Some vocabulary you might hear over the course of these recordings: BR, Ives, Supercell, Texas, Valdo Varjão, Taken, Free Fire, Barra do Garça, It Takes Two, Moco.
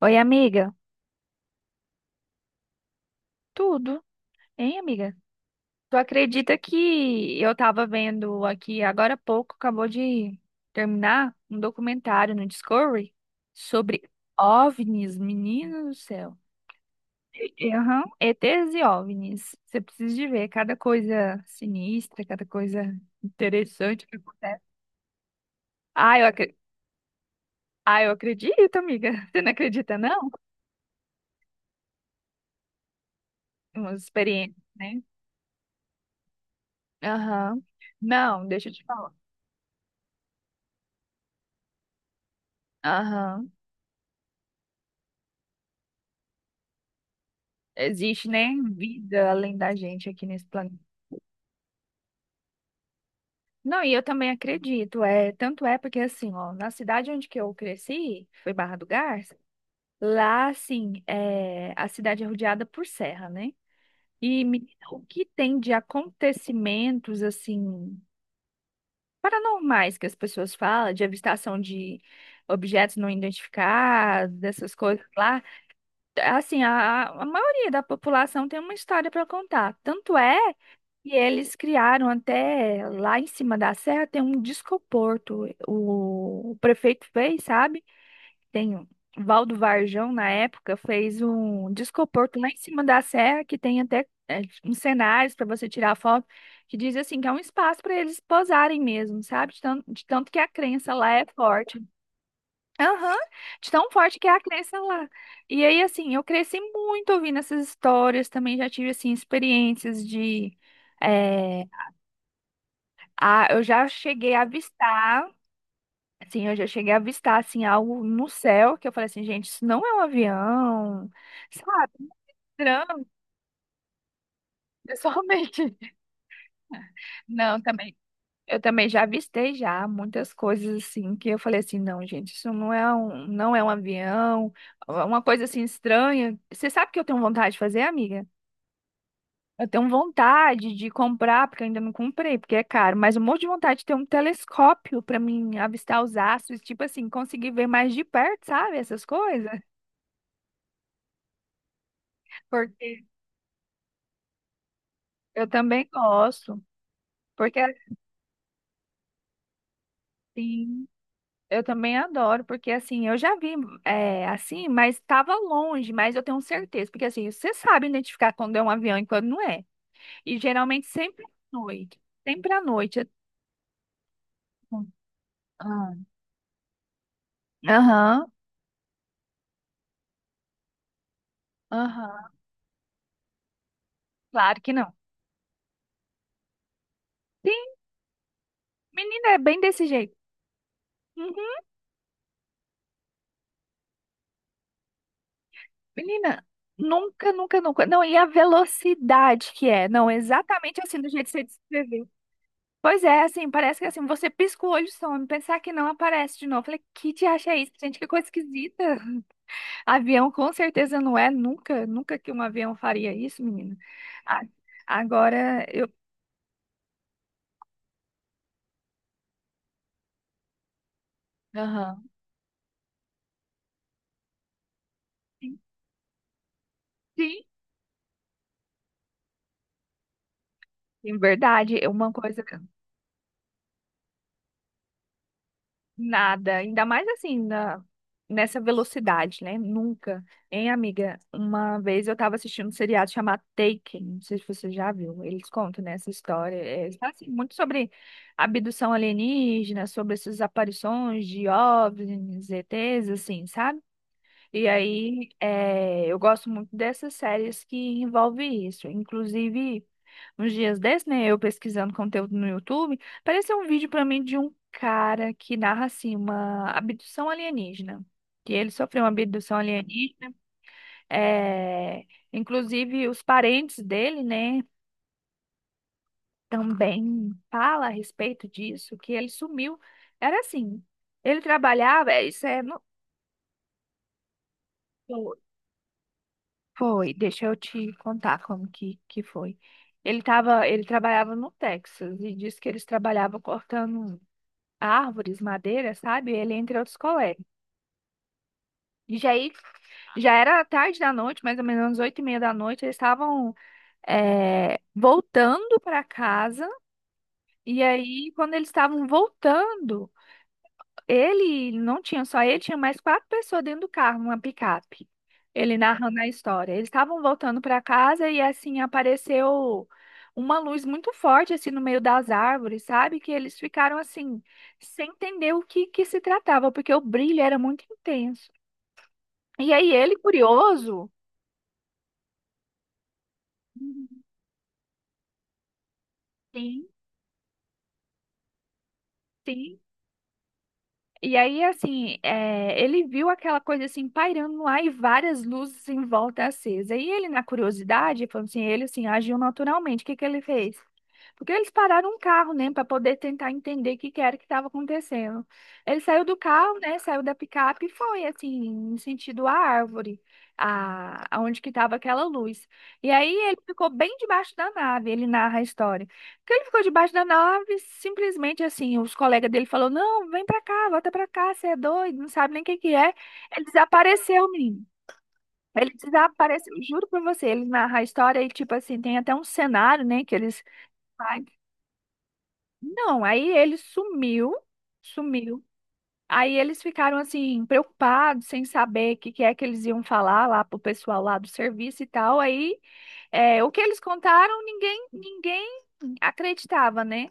Oi, amiga. Tudo, hein, amiga? Tu acredita que eu tava vendo aqui agora há pouco, acabou de terminar um documentário no Discovery sobre OVNIs, menino do céu. Aham, ETs e OVNIs. Você precisa de ver cada coisa sinistra, cada coisa interessante que acontece. Ah, eu, acre- ah, eu acredito, amiga. Você não acredita, não? Umas experiências, né? Aham. Não, deixa eu te falar. Aham. Existe, né, vida além da gente aqui nesse planeta. Não, e eu também acredito, é, tanto é porque assim, ó, na cidade onde que eu cresci, foi Barra do Garça, lá assim, é, a cidade é rodeada por serra, né? E menina, o que tem de acontecimentos assim paranormais que as pessoas falam, de avistação de objetos não identificados, dessas coisas lá, assim, a maioria da população tem uma história para contar. Tanto é. E eles criaram até lá em cima da serra tem um discoporto. O prefeito fez, sabe? Tem o Valdo Varjão na época fez um discoporto lá em cima da serra que tem até, é, uns cenários para você tirar foto, que diz assim que é um espaço para eles posarem mesmo, sabe? De tanto que a crença lá é forte. Aham, de tão forte que é a crença lá. E aí assim, eu cresci muito ouvindo essas histórias, também já tive assim experiências de eh, ah, eu já cheguei a avistar, assim, algo no céu, que eu falei assim, gente, isso não é um avião, sabe? Mostrando pessoalmente. Não, também, eu também já avistei já muitas coisas, assim, que eu falei assim, não, gente, isso não é um avião, é uma coisa, assim, estranha. Você sabe o que eu tenho vontade de fazer, amiga? Eu tenho vontade de comprar, porque eu ainda não comprei, porque é caro, mas um monte de vontade de ter um telescópio para mim avistar os astros, tipo assim, conseguir ver mais de perto, sabe? Essas coisas. Porque eu também gosto. Porque assim, eu também adoro, porque assim, eu já vi, é, assim, mas estava longe, mas eu tenho certeza, porque assim, você sabe identificar quando é um avião e quando não é. E geralmente sempre à noite. Sempre à noite. Ah. Aham, aham, claro que não. Sim. Menina, é bem desse jeito. Uhum. Menina, nunca, nunca, nunca. Não, e a velocidade que é. Não, exatamente assim, do jeito que você descreveu. Pois é, assim, parece que assim, você pisca o olho e some, pensar que não aparece de novo. Eu falei, que te acha isso? Gente, que coisa esquisita. Avião com certeza não é, nunca, nunca que um avião faria isso, menina. A- Agora eu. Aham. Sim, sim, verdade. Uma coisa. Nada, ainda mais assim, nessa velocidade, né? Nunca. Hein, amiga? Uma vez eu tava assistindo um seriado chamado Taken, não sei se você já viu. Eles contam, né, essa história. É, tá, assim, muito sobre abdução alienígena, sobre essas aparições de OVNIs, ETs, assim, sabe? E aí, eu gosto muito dessas séries que envolvem isso. Inclusive, uns dias desses, né, eu pesquisando conteúdo no YouTube, apareceu um vídeo pra mim de um cara que narra, assim, uma abdução alienígena. Que ele sofreu uma abdução alienígena. Eh, Inclusive, os parentes dele, né, também fala a respeito disso, que ele sumiu. Era assim, ele trabalhava, isso é... no- Foi, deixa eu te contar como que foi. Ele trabalhava no Texas e disse que eles trabalhavam cortando árvores, madeira, sabe? Ele entre outros colegas. E já aí, já era tarde da noite, mais ou menos 8h30 da noite, eles estavam voltando para casa. E aí, quando eles estavam voltando, ele não tinha só ele, tinha mais quatro pessoas dentro do carro, uma picape. Ele narrando a história. Eles estavam voltando para casa e assim apareceu uma luz muito forte assim no meio das árvores, sabe? Que eles ficaram assim sem entender o que que se tratava, porque o brilho era muito intenso. E aí ele, curioso, sim, sim. E aí, assim, é, ele viu aquela coisa assim pairando lá e várias luzes em volta acesa. E ele, na curiosidade, falou assim, ele assim, agiu naturalmente. O que que ele fez? Porque eles pararam um carro, né, para poder tentar entender o que que era que estava acontecendo. Ele saiu do carro, né, saiu da picape e foi, assim, em sentido à árvore, aonde que estava aquela luz. E aí ele ficou bem debaixo da nave, ele narra a história. Que ele ficou debaixo da nave, simplesmente assim, os colegas dele falou: "Não, vem pra cá, volta pra cá, você é doido, não sabe nem o que que é". Ele desapareceu, menino. Ele desapareceu, juro pra você, ele narra a história e tipo assim, tem até um cenário, né, que eles. Ai, não, aí ele sumiu, sumiu. Aí eles ficaram assim preocupados, sem saber o que que é que eles iam falar lá pro pessoal lá do serviço e tal. Aí, é, o que eles contaram, ninguém, ninguém acreditava, né?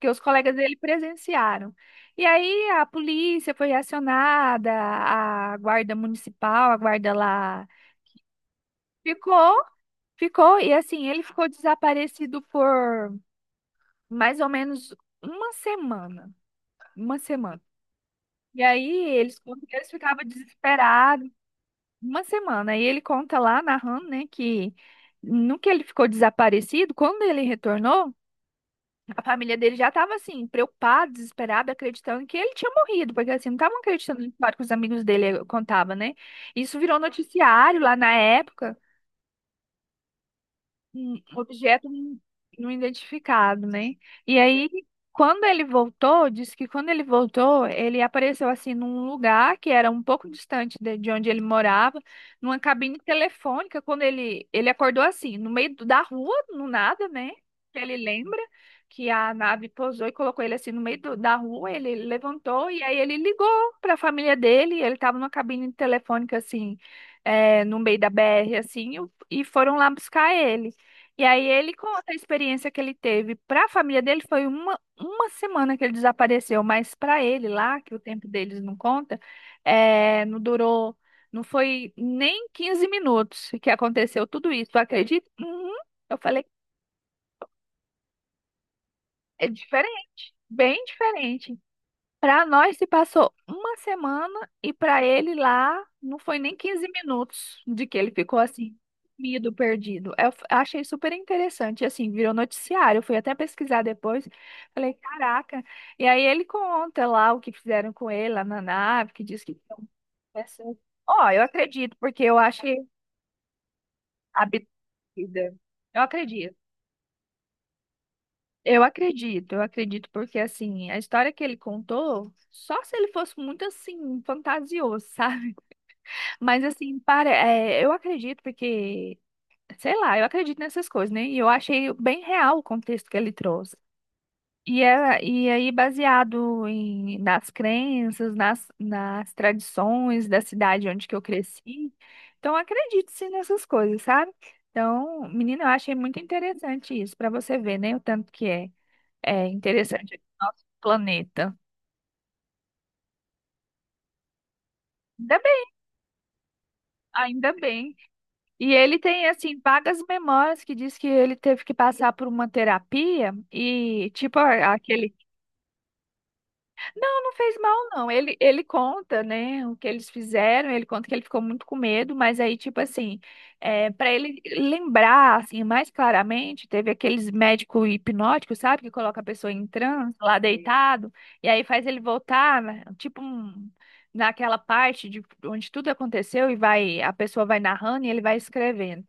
Que os colegas dele presenciaram. E aí a polícia foi acionada, a guarda municipal, a guarda lá ficou, ficou, e assim, ele ficou desaparecido por mais ou menos uma semana, uma semana. E aí eles, eles ficavam desesperados, uma semana. E ele conta lá, narrando, né, que no que ele ficou desaparecido, quando ele retornou, a família dele já estava assim, preocupada, desesperada, acreditando que ele tinha morrido, porque assim, não estavam acreditando na história que os amigos dele contavam, né? Isso virou noticiário lá na época. Um objeto não identificado, né? E aí, quando ele voltou, disse que quando ele voltou, ele apareceu assim num lugar que era um pouco distante de onde ele morava, numa cabine telefônica. Quando ele acordou assim, no meio do- da rua, no nada, né? Que ele lembra que a nave pousou e colocou ele assim no meio do- da rua. Ele levantou e aí ele ligou para a família dele. Ele estava numa cabine telefônica assim, é, no meio da BR assim, e foram lá buscar ele. E aí ele conta a experiência que ele teve. Para a família dele foi uma semana que ele desapareceu, mas para ele lá, que o tempo deles não conta, é, não durou, não foi nem 15 minutos que aconteceu tudo isso. Tu acredita? Uhum. Eu falei, é diferente, bem diferente. Para nós se passou uma semana e para ele lá não foi nem 15 minutos de que ele ficou assim, sumido, perdido. Achei super interessante, assim, virou noticiário. Eu fui até pesquisar depois. Falei, caraca. E aí ele conta lá o que fizeram com ele lá na nave, que diz que são pessoas. Ó, eu acredito, porque eu achei absurda. Eu acredito. Eu acredito, eu acredito, porque assim, a história que ele contou, só se ele fosse muito assim, fantasioso, sabe? Mas assim, para, é, eu acredito porque, sei lá, eu acredito nessas coisas, né? E eu achei bem real o contexto que ele trouxe. E, é, e aí, baseado nas crenças, nas tradições da cidade onde que eu cresci, então eu acredito sim nessas coisas, sabe? Então, menina, eu achei muito interessante isso, para você ver, né? O tanto que é, é interessante o nosso planeta. Ainda bem, ainda bem. E ele tem, assim, vagas memórias que diz que ele teve que passar por uma terapia e, tipo, aquele. Não, não fez mal, não. Ele conta, né, o que eles fizeram, ele conta que ele ficou muito com medo, mas aí, tipo assim, é, para ele lembrar, assim, mais claramente, teve aqueles médicos hipnóticos, sabe, que coloca a pessoa em transe, lá deitado, e aí faz ele voltar, né, tipo, um. Naquela parte de onde tudo aconteceu e vai, a pessoa vai narrando e ele vai escrevendo.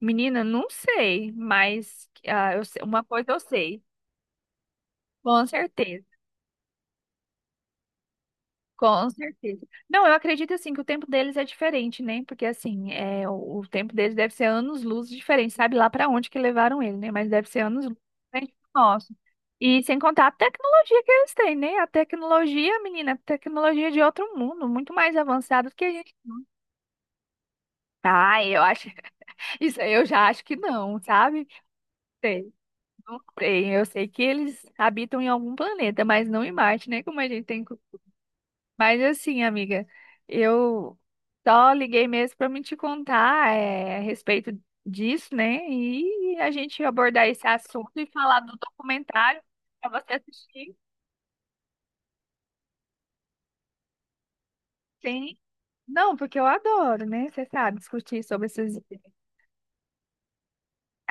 Menina, não sei, mas ah, uma coisa eu sei, com certeza, com certeza. Não, eu acredito assim que o tempo deles é diferente, né? Porque assim, é, o tempo deles deve ser anos-luz diferente, sabe lá pra onde que levaram ele, né? Mas deve ser anos-luz diferente do nosso. E sem contar a tecnologia que eles têm, né? A tecnologia, menina, a tecnologia de outro mundo, muito mais avançada do que a gente. Ah, eu acho, isso aí eu já acho que não, sabe? Não sei, eu sei que eles habitam em algum planeta, mas não em Marte, né? Como a gente tem. Mas assim, amiga, eu só liguei mesmo para me te contar, é, a respeito disso, né? E a gente abordar esse assunto e falar do documentário para você assistir. Sim. Não, porque eu adoro, né? Você sabe, discutir sobre esses.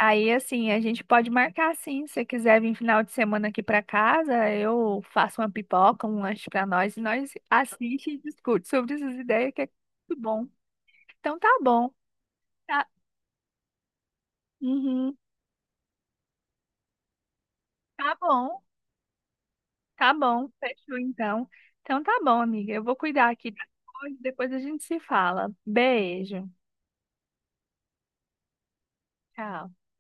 Aí, assim, a gente pode marcar sim. Se você quiser vir final de semana aqui para casa, eu faço uma pipoca, um lanche para nós e nós assiste e discute sobre essas ideias que é muito bom. Então tá bom. Tá, uhum, tá bom, tá bom. Fechou então. Então tá bom, amiga. Eu vou cuidar aqui das coisas, depois a gente se fala. Beijo. Tchau.